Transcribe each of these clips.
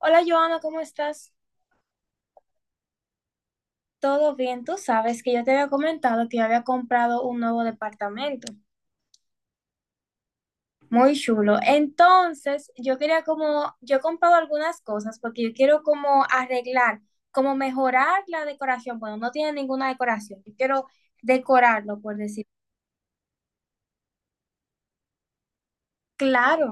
Hola Joana, ¿cómo estás? ¿Todo bien? Tú sabes que yo te había comentado que yo había comprado un nuevo departamento. Muy chulo. Entonces, yo quería como, yo he comprado algunas cosas porque yo quiero como arreglar, como mejorar la decoración. Bueno, no tiene ninguna decoración. Yo quiero decorarlo, por decir. Claro.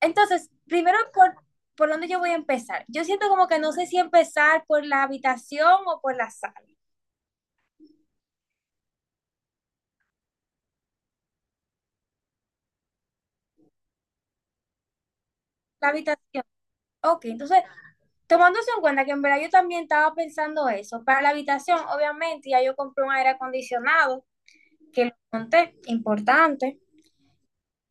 Entonces, primero, ¿por dónde yo voy a empezar? Yo siento como que no sé si empezar por la habitación o por la sala. La habitación. Ok, entonces tomándose en cuenta que en verdad yo también estaba pensando eso. Para la habitación, obviamente, ya yo compré un aire acondicionado, que lo monté, importante.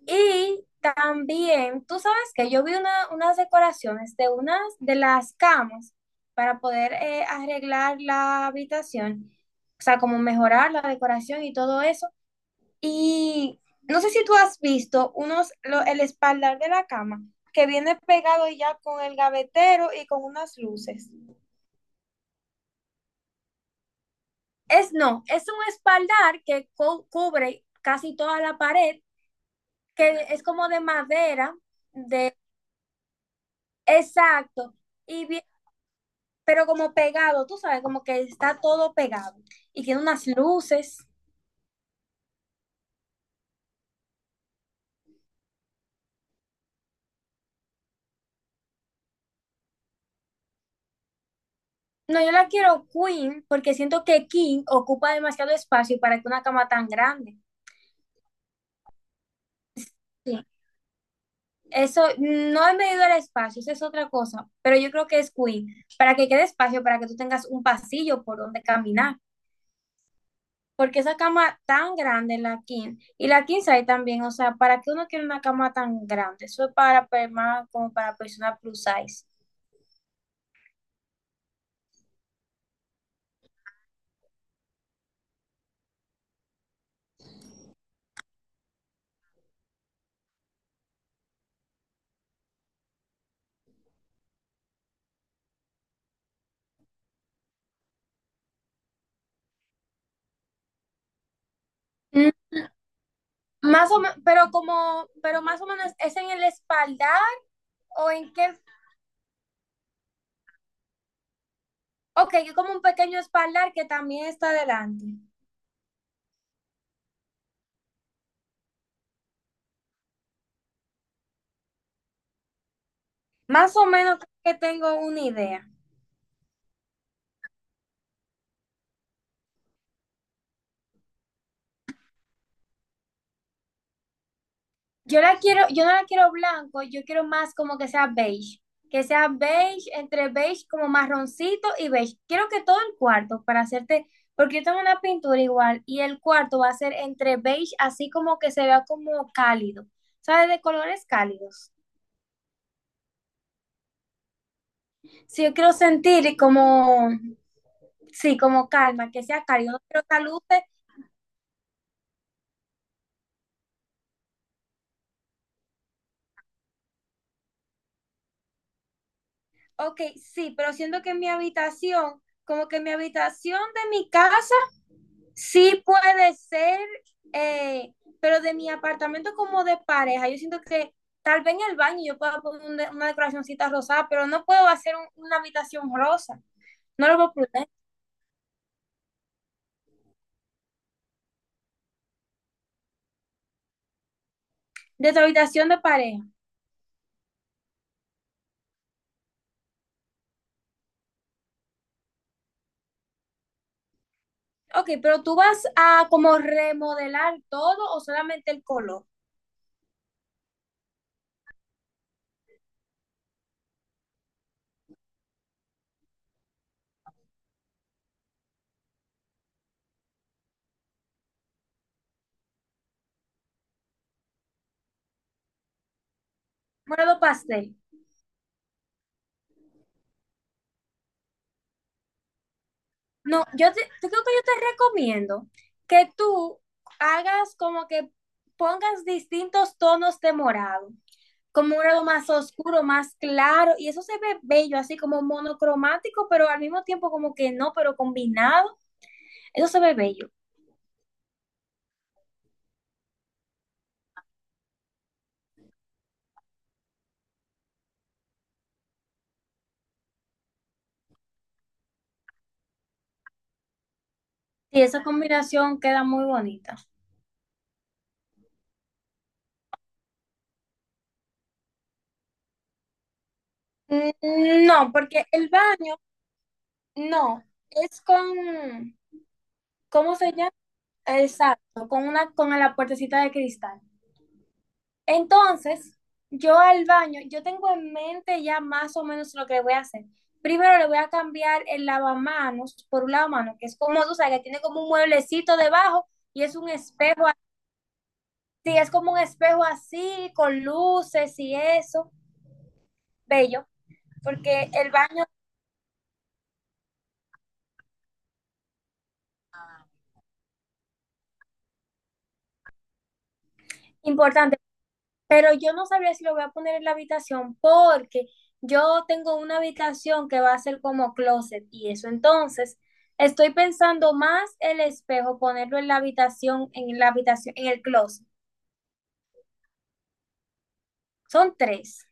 Y también, tú sabes que yo vi unas decoraciones de unas de las camas para poder arreglar la habitación, o sea, como mejorar la decoración y todo eso. Y no sé si tú has visto el espaldar de la cama, que viene pegado ya con el gavetero y con unas luces. Es no, es un espaldar que cubre casi toda la pared, que es como de madera, exacto, y bien- pero como pegado, tú sabes, como que está todo pegado y tiene unas luces. No, yo la quiero queen porque siento que king ocupa demasiado espacio para que una cama tan grande. Sí. Eso, no he medido el espacio, eso es otra cosa, pero yo creo que es queen para que quede espacio para que tú tengas un pasillo por donde caminar. Porque esa cama tan grande, la king, y la king size también, o sea, ¿para qué uno quiere una cama tan grande? Eso es más como para personas plus size. Mm, más o menos, pero más o menos, ¿es en el espaldar o en qué? Ok, es como un pequeño espaldar que también está adelante. Más o menos creo que tengo una idea. Yo la quiero, yo no la quiero blanco, yo quiero más como que sea beige, entre beige como marroncito y beige. Quiero que todo el cuarto para hacerte, porque yo tengo una pintura igual y el cuarto va a ser entre beige, así como que se vea como cálido, ¿sabes? De colores cálidos. Si yo quiero sentir como, sí, como calma, que sea cálido, no quiero caluce. Ok, sí, pero siento que mi habitación, como que mi habitación de mi casa sí puede ser, eh, pero de mi apartamento como de pareja, yo siento que tal vez en el baño yo pueda poner una decoracióncita rosada, pero no puedo hacer una habitación rosa. No lo puedo poner. De tu habitación de pareja. Ok, pero tú vas a como remodelar todo o solamente el color. Morado pastel. No, yo, te, yo creo que yo te recomiendo que tú hagas como que pongas distintos tonos de morado, como un grado más oscuro, más claro, y eso se ve bello, así como monocromático, pero al mismo tiempo como que no, pero combinado, eso se ve bello. Y esa combinación queda muy bonita. Mm, no, porque el baño, no, es con, ¿cómo se llama? Exacto, con una, con la puertecita de cristal. Entonces, yo al baño, yo tengo en mente ya más o menos lo que voy a hacer. Primero le voy a cambiar el lavamanos por un lavamanos, que es como, tú sabes, que tiene como un mueblecito debajo y es un espejo es como un espejo así, con luces y eso, bello, porque el baño es importante. Pero yo no sabría si lo voy a poner en la habitación porque yo tengo una habitación que va a ser como closet y eso, entonces estoy pensando más el espejo ponerlo en la habitación, en el closet. Son tres,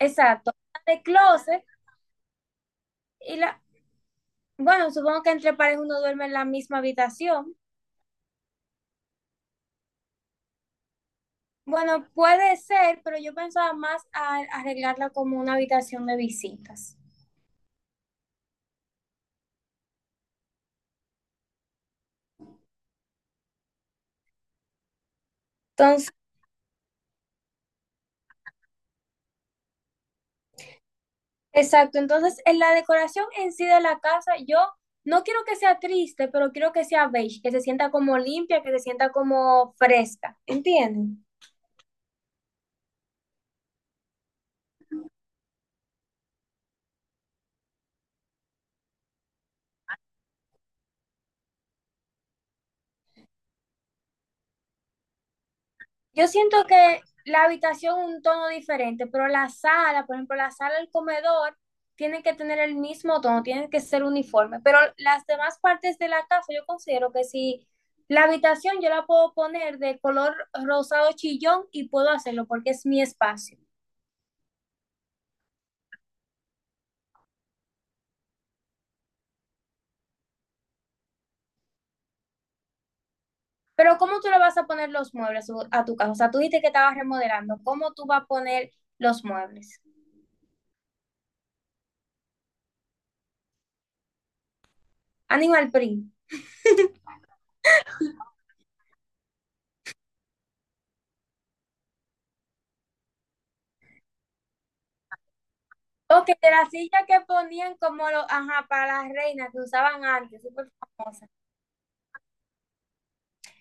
exacto, la de closet y la, bueno, supongo que entre pares uno duerme en la misma habitación. Bueno, puede ser, pero yo pensaba más a arreglarla como una habitación de visitas. Entonces, exacto, entonces en la decoración en sí de la casa, yo no quiero que sea triste, pero quiero que sea beige, que se sienta como limpia, que se sienta como fresca, ¿entienden? Yo siento que la habitación un tono diferente, pero la sala, por ejemplo, la sala del comedor, tienen que tener el mismo tono, tienen que ser uniforme, pero las demás partes de la casa yo considero que si la habitación yo la puedo poner de color rosado chillón y puedo hacerlo porque es mi espacio. Pero ¿cómo tú le vas a poner los muebles a tu casa? O sea, tú dijiste que estabas remodelando. ¿Cómo tú vas a poner los muebles? Animal print. Ok, de las sillas que ponían como los, ajá, para las reinas que usaban antes, súper famosas.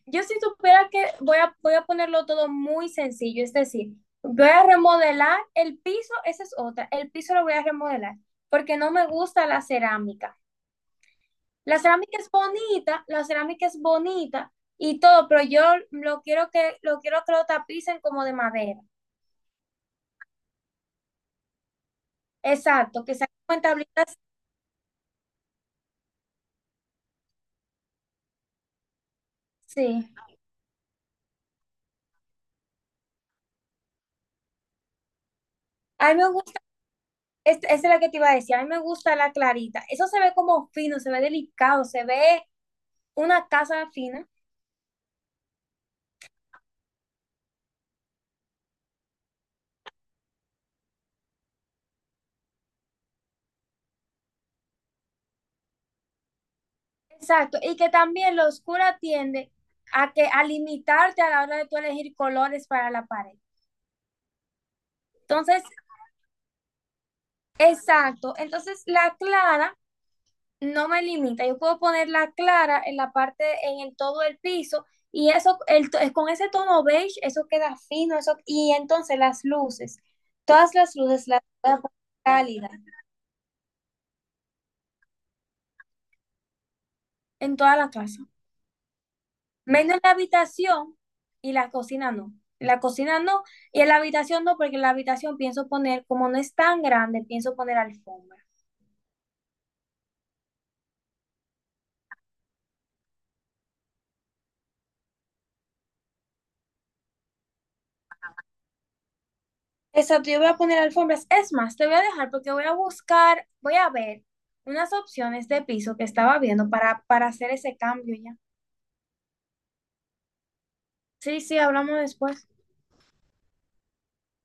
Yo si supiera que voy a ponerlo todo muy sencillo, es decir, voy a remodelar el piso, esa es otra, el piso lo voy a remodelar porque no me gusta la cerámica. La cerámica es bonita, y todo, pero yo lo quiero que lo tapicen como de madera. Exacto, que saquen con tablitas, sí. A mí me gusta, esa es la que te iba a decir, a mí me gusta la clarita. Eso se ve como fino, se ve delicado, se ve una casa fina. Exacto, y que también lo oscura tiende a que a limitarte a la hora de tú elegir colores para la pared. Entonces, exacto, entonces la clara no me limita. Yo puedo ponerla clara en la parte, en el todo el piso, y eso, con ese tono beige, eso queda fino, eso, y entonces las luces, todas las luces las voy a poner cálidas en toda la casa, menos en la habitación y la cocina no. En la cocina no, y en la habitación no, porque en la habitación pienso poner, como no es tan grande, pienso poner alfombra. Exacto, yo voy a poner alfombras. Es más, te voy a dejar porque voy a buscar, voy a ver unas opciones de piso que estaba viendo para hacer ese cambio ya. Sí, sí, hablamos después.